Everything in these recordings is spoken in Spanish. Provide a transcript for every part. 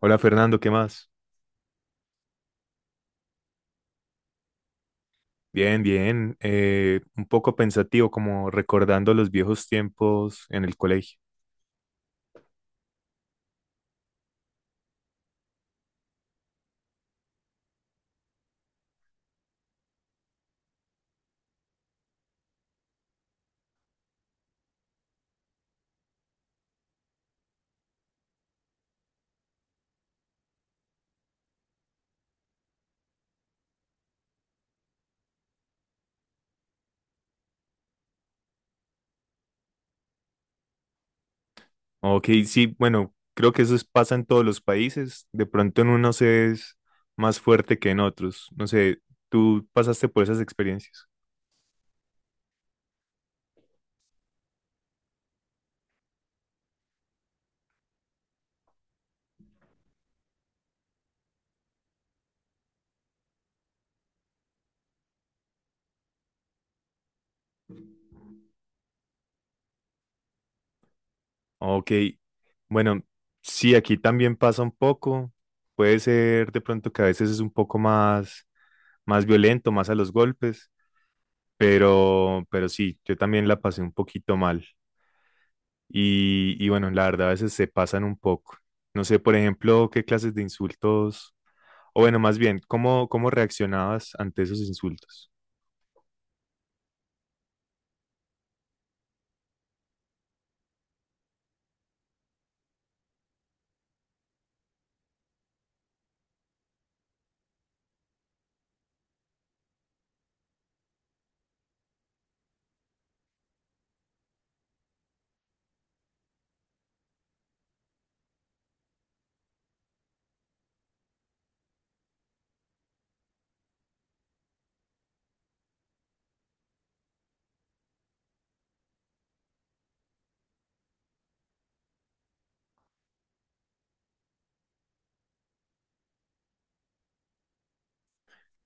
Hola Fernando, ¿qué más? Bien, bien. Un poco pensativo, como recordando los viejos tiempos en el colegio. Ok, sí, bueno, creo que pasa en todos los países. De pronto en unos es más fuerte que en otros. No sé, ¿tú pasaste por esas experiencias? Ok, bueno, sí, aquí también pasa un poco. Puede ser de pronto que a veces es un poco más violento, más a los golpes, pero sí, yo también la pasé un poquito mal. Y bueno, la verdad a veces se pasan un poco. No sé, por ejemplo, qué clases de insultos o bueno, más bien, cómo reaccionabas ante esos insultos?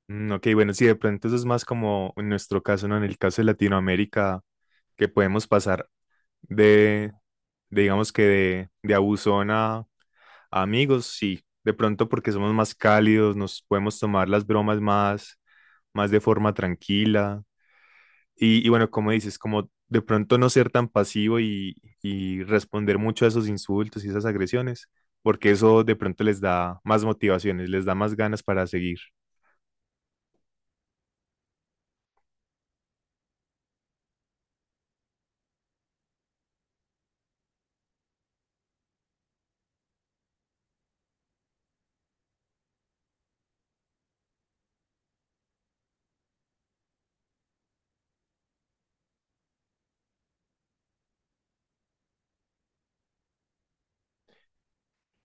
Mm, ok, bueno, sí, de pronto eso es más como en nuestro caso, ¿no? En el caso de Latinoamérica, que podemos pasar de, de, digamos que de abusón. Amigos, sí, de pronto porque somos más cálidos, nos podemos tomar las bromas más de forma tranquila. Y bueno, como dices, como de pronto no ser tan pasivo y responder mucho a esos insultos y esas agresiones, porque eso de pronto les da más motivaciones, les da más ganas para seguir.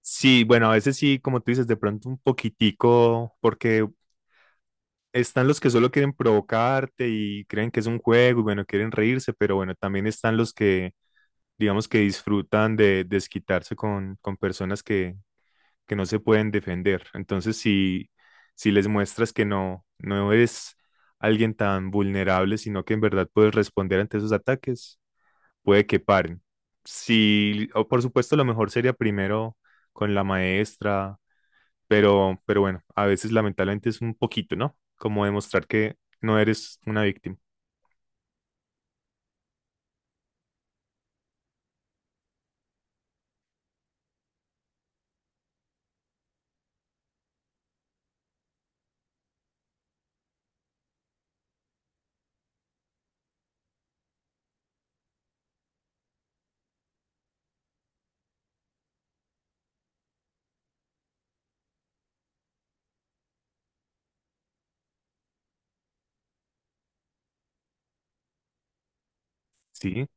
Sí, bueno, a veces sí, como tú dices, de pronto un poquitico, porque están los que solo quieren provocarte y creen que es un juego, y bueno, quieren reírse, pero bueno, también están los que, digamos, que disfrutan de desquitarse con personas que no se pueden defender. Entonces, si les muestras que no eres alguien tan vulnerable, sino que en verdad puedes responder ante esos ataques, puede que paren. Si, o por supuesto, lo mejor sería primero con la maestra, pero bueno, a veces lamentablemente es un poquito, ¿no? Como demostrar que no eres una víctima. Sí.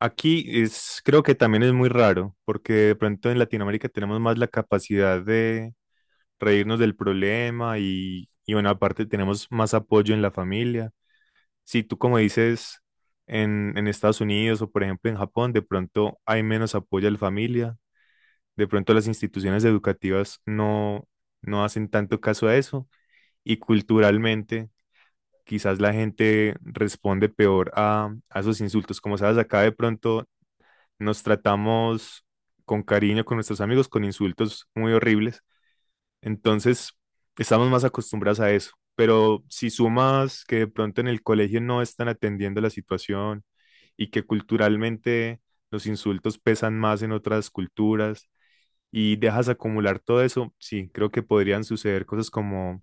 Aquí es, creo que también es muy raro, porque de pronto en Latinoamérica tenemos más la capacidad de reírnos del problema y bueno, aparte tenemos más apoyo en la familia. Si tú como dices en Estados Unidos o por ejemplo en Japón, de pronto hay menos apoyo a la familia, de pronto las instituciones educativas no hacen tanto caso a eso y culturalmente quizás la gente responde peor a esos insultos. Como sabes, acá de pronto nos tratamos con cariño con nuestros amigos, con insultos muy horribles. Entonces, estamos más acostumbrados a eso. Pero si sumas que de pronto en el colegio no están atendiendo la situación y que culturalmente los insultos pesan más en otras culturas, y dejas acumular todo eso, sí, creo que podrían suceder cosas como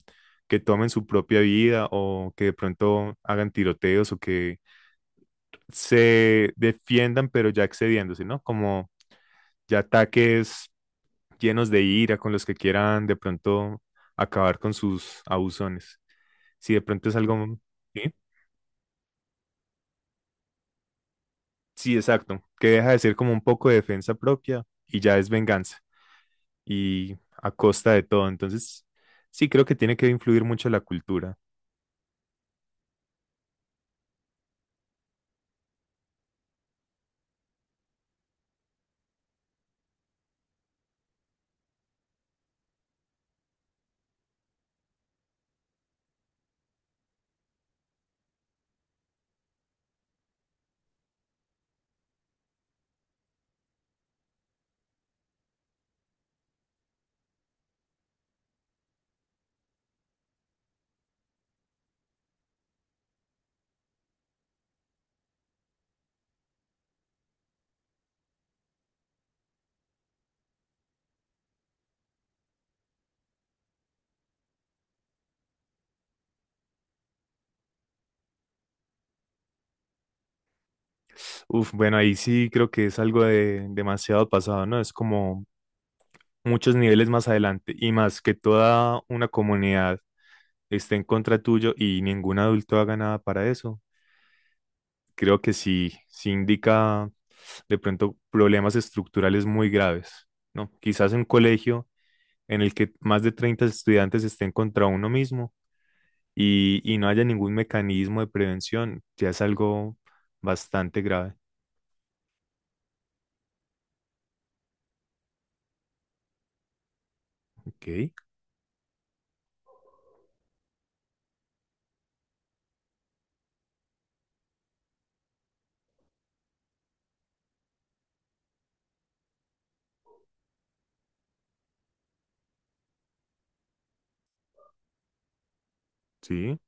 que tomen su propia vida o que de pronto hagan tiroteos o que se defiendan pero ya excediéndose, ¿no? Como ya ataques llenos de ira con los que quieran de pronto acabar con sus abusones. Si de pronto es algo... Sí, sí, exacto, que deja de ser como un poco de defensa propia y ya es venganza y a costa de todo. Entonces, sí, creo que tiene que influir mucho la cultura. Uf, bueno, ahí sí creo que es algo de demasiado pasado, ¿no? Es como muchos niveles más adelante y más que toda una comunidad esté en contra tuyo y ningún adulto haga nada para eso. Creo que sí, sí indica de pronto problemas estructurales muy graves, ¿no? Quizás un colegio en el que más de 30 estudiantes estén contra uno mismo y no haya ningún mecanismo de prevención, ya es algo bastante grave. Ok, sí.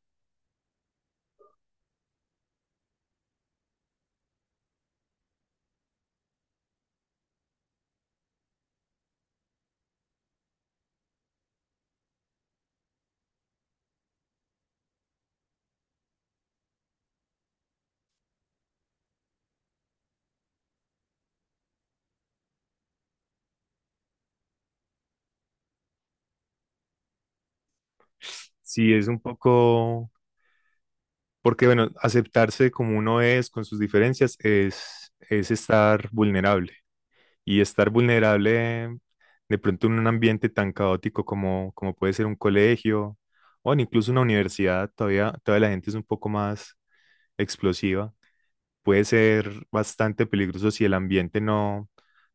Sí, es un poco, porque bueno, aceptarse como uno es con sus diferencias es estar vulnerable. Y estar vulnerable de pronto en un ambiente tan caótico como puede ser un colegio o incluso una universidad, todavía la gente es un poco más explosiva, puede ser bastante peligroso si el ambiente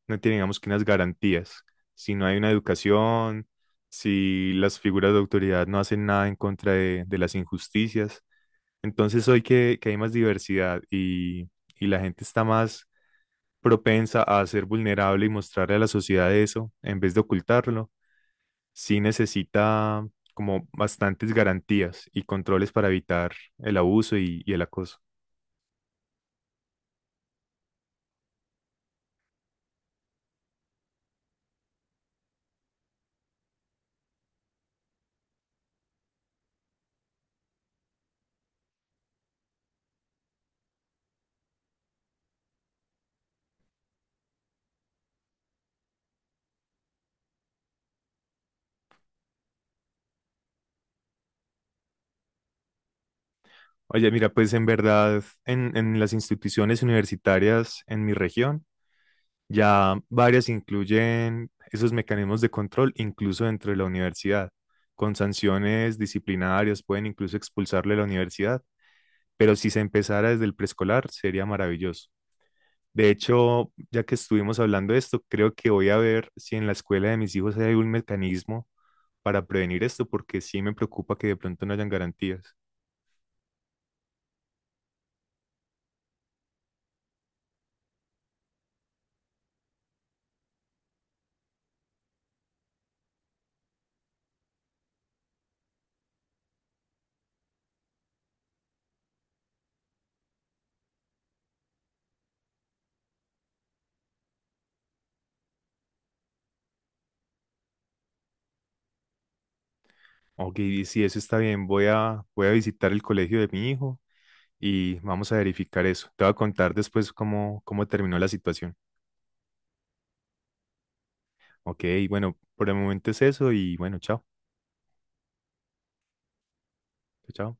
no tiene, digamos, que unas garantías, si no hay una educación, si las figuras de autoridad no hacen nada en contra de las injusticias. Entonces hoy que hay más diversidad y la gente está más propensa a ser vulnerable y mostrarle a la sociedad eso, en vez de ocultarlo, sí necesita como bastantes garantías y controles para evitar el abuso y el acoso. Oye, mira, pues en verdad, en las instituciones universitarias en mi región, ya varias incluyen esos mecanismos de control, incluso dentro de la universidad, con sanciones disciplinarias, pueden incluso expulsarle de la universidad, pero si se empezara desde el preescolar, sería maravilloso. De hecho, ya que estuvimos hablando de esto, creo que voy a ver si en la escuela de mis hijos hay algún mecanismo para prevenir esto, porque sí me preocupa que de pronto no hayan garantías. Ok, sí, eso está bien. Voy voy a visitar el colegio de mi hijo y vamos a verificar eso. Te voy a contar después cómo terminó la situación. Ok, bueno, por el momento es eso y bueno, chao. Chao. Chao.